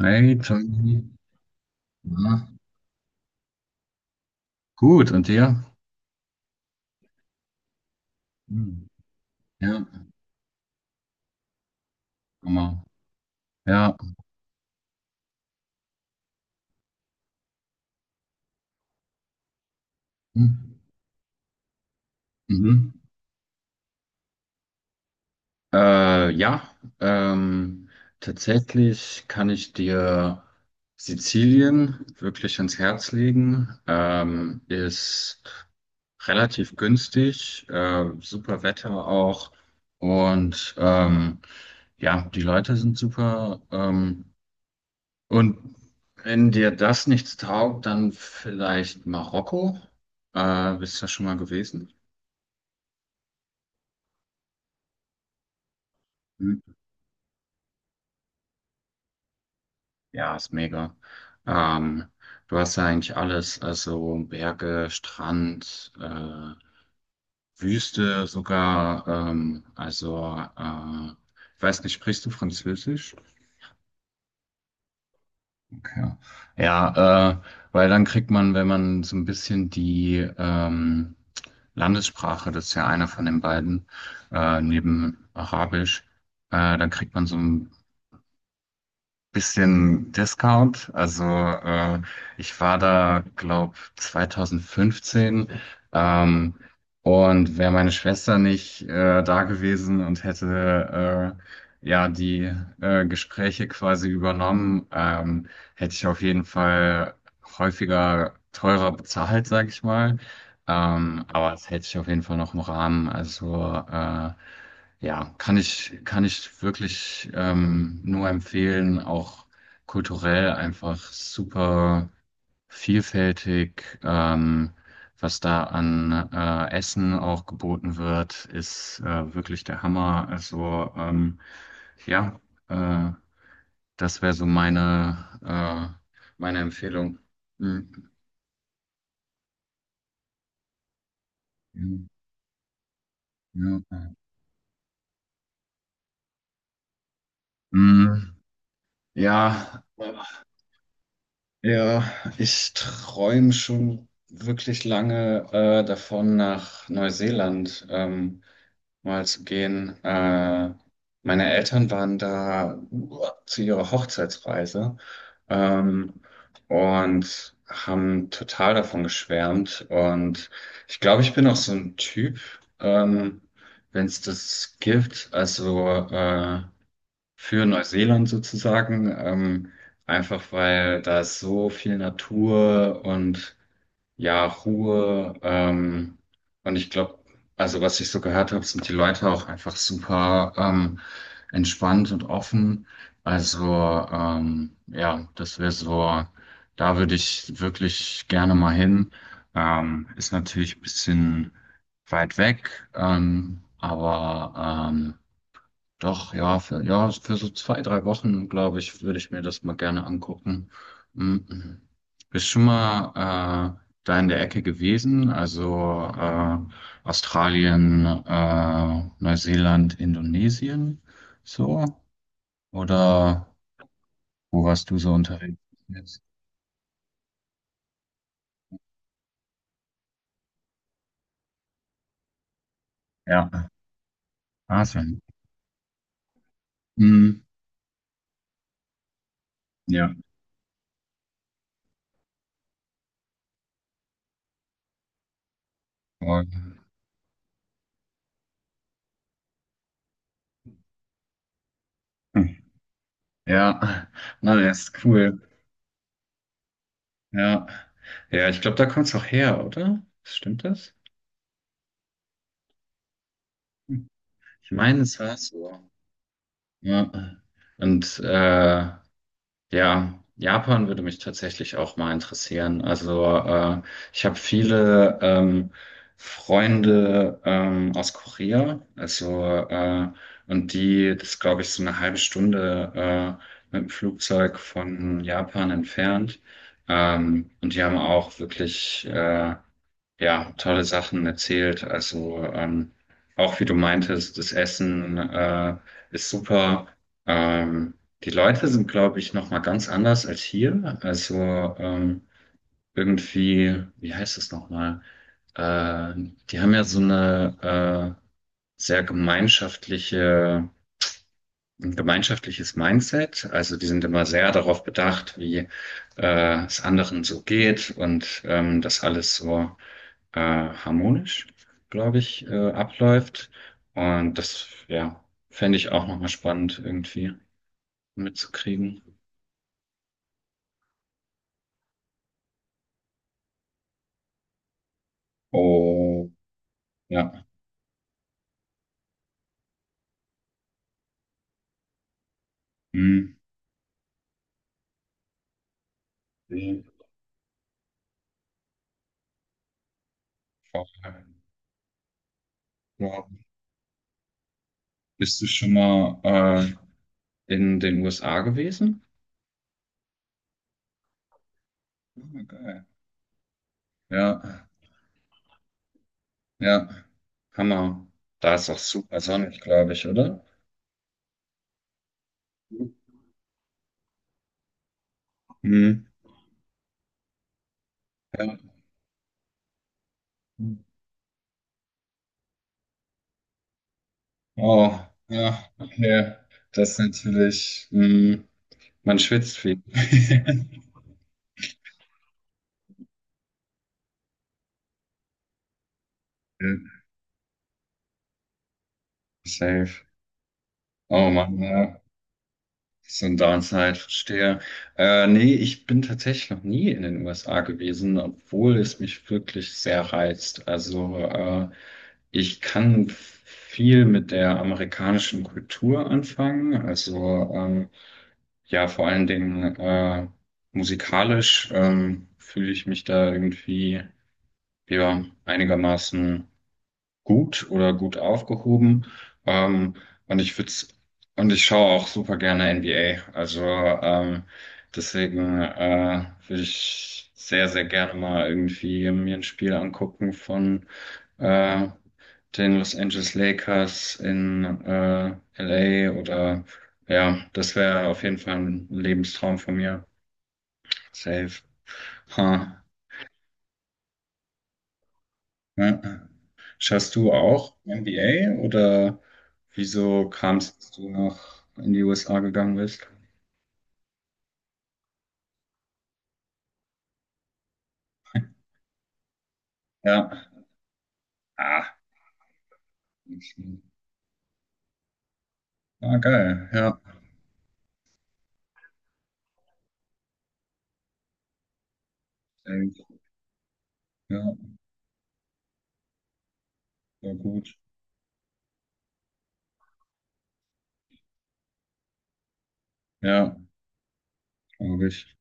Hey, Tommy. Na, gut, und dir? Hm. Ja, Hammer. Ja. Hm. Mhm. Äh, ja, ähm, Tatsächlich kann ich dir Sizilien wirklich ans Herz legen. Ist relativ günstig, super Wetter auch. Und ja, die Leute sind super. Und wenn dir das nichts taugt, dann vielleicht Marokko. Bist du da schon mal gewesen? Mhm. Ja, ist mega. Ähm, Du hast ja eigentlich alles, also Berge, Strand, Wüste sogar. Ich weiß nicht, sprichst du Französisch? Ja, ja äh, weil dann kriegt man, wenn man so ein bisschen die Landessprache, das ist ja einer von den beiden, neben Arabisch, dann kriegt man so ein bisschen Discount. Ich war da, glaube 2015. Ähm, und wäre meine Schwester nicht da gewesen und hätte ja die Gespräche quasi übernommen, hätte ich auf jeden Fall häufiger teurer bezahlt, sag ich mal. Aber das hätte ich auf jeden Fall noch im Rahmen. Ja, kann ich wirklich nur empfehlen, auch kulturell einfach super vielfältig, was da an Essen auch geboten wird, ist wirklich der Hammer. Ja, äh, Das wäre so meine, meine Empfehlung. Mhm. Ja. Mhm. Ja. Ja, ich träume schon wirklich lange davon, nach Neuseeland mal zu gehen. Meine Eltern waren da zu ihrer Hochzeitsreise, ähm, und haben total davon geschwärmt. Und ich glaube, ich bin auch so ein Typ, ähm, wenn es das gibt. Für Neuseeland sozusagen, einfach weil da ist so viel Natur und ja, Ruhe. Und ich glaube, also was ich so gehört habe, sind die Leute auch einfach super, entspannt und offen. Ja, das wäre so, da würde ich wirklich gerne mal hin. Ist natürlich ein bisschen weit weg, doch, ja, für so zwei, drei Wochen, glaube ich, würde ich mir das mal gerne angucken. Mhm. Bist schon mal da in der Ecke gewesen? Australien, Neuseeland, Indonesien, so? Oder wo warst du so unterwegs jetzt? Ja, Asien. Mhm. Ja, voll. Ja, na, das ist cool. Ja, ja, ich glaube, da kommst du auch her, oder? Stimmt das? Ich meine, es war so. Ja. Und äh, ja, Japan würde mich tatsächlich auch mal interessieren. Ich habe viele Freunde aus Korea, äh, und die, das glaube ich, so eine halbe Stunde mit dem Flugzeug von Japan entfernt. Und die haben auch wirklich ja, tolle Sachen erzählt. Auch wie du meintest, das Essen ist super. Ähm, die Leute sind, glaube ich, noch mal ganz anders als hier. Irgendwie, wie heißt es noch mal? Äh, Die haben ja so eine sehr gemeinschaftliche, ein gemeinschaftliches Mindset. Also die sind immer sehr darauf bedacht, wie es anderen so geht und dass alles so harmonisch, glaube ich, abläuft. Und das, ja, fände ich auch nochmal spannend irgendwie mitzukriegen. Oh, ja. Hm. Die Vorteile. Ja. Bist du schon mal in den USA gewesen? Ah, geil. Ja, ja. Hammer. Da ist auch super sonnig, glaube ich, oder? Hm. Ja. Oh, ja, okay. Das ist natürlich, hm, man schwitzt viel. Ja, Safe. Oh Mann, ja. So ein Downside, verstehe. Nee, ich bin tatsächlich noch nie in den USA gewesen, obwohl es mich wirklich sehr reizt. Ich kann viel mit der amerikanischen Kultur anfangen. Ja, vor allen Dingen musikalisch fühle ich mich da irgendwie ja, einigermaßen gut oder gut aufgehoben. Ähm, und ich würde und ich schaue auch super gerne NBA. Also deswegen Würde ich sehr, sehr gerne mal irgendwie mir ein Spiel angucken von äh, den Los Angeles Lakers in LA, oder ja, das wäre auf jeden Fall ein Lebenstraum von mir. Safe. Huh. Ja. Schaust du auch NBA, oder wieso kam es, dass du nach in die USA gegangen bist? Ja. Ah, ah, geil. Ja. Sehr gut. Ja, war gut. Ja, glaube ich.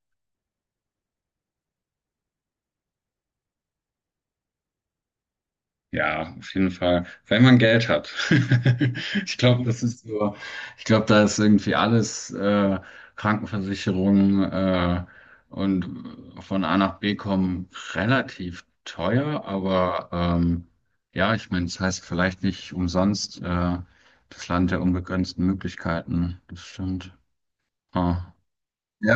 Ja, auf jeden Fall. Wenn man Geld hat. Ich glaube, das ist so, ich glaube, da ist irgendwie alles, Krankenversicherung, und von A nach B kommen relativ teuer, ja, ich meine, es heißt vielleicht nicht umsonst das Land der unbegrenzten Möglichkeiten. Das stimmt. Ah. Ja.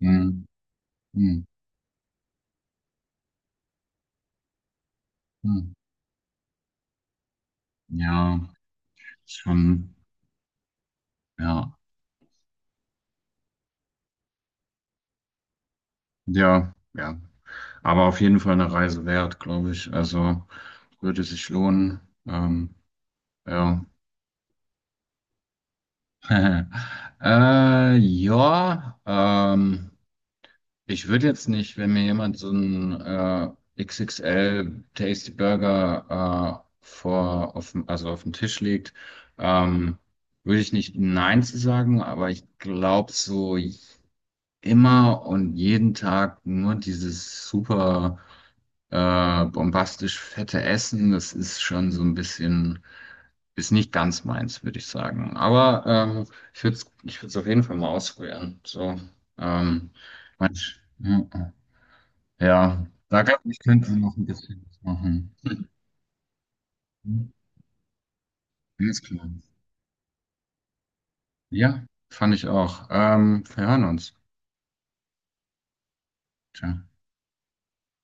Hm, hm, hm. Ja, schon, ja. Ja, ja. Aber auf jeden Fall eine Reise wert, glaube ich. Also würde sich lohnen. Ähm, ja. Äh, ja, ähm, Ich würde jetzt nicht, wenn mir jemand so einen XXL Tasty Burger also auf dem Tisch legt, ähm, würde ich nicht Nein zu sagen, aber ich glaube so immer und jeden Tag nur dieses super, bombastisch fette Essen, das ist schon so ein bisschen, ist nicht ganz meins, würde ich sagen. Aber ich würde es auf jeden Fall mal ausprobieren. Ähm, manch, ja, ja, da gab ich könnte noch ein bisschen was machen. Ganz klar. Ja, fand ich auch. Wir hören uns. Ciao.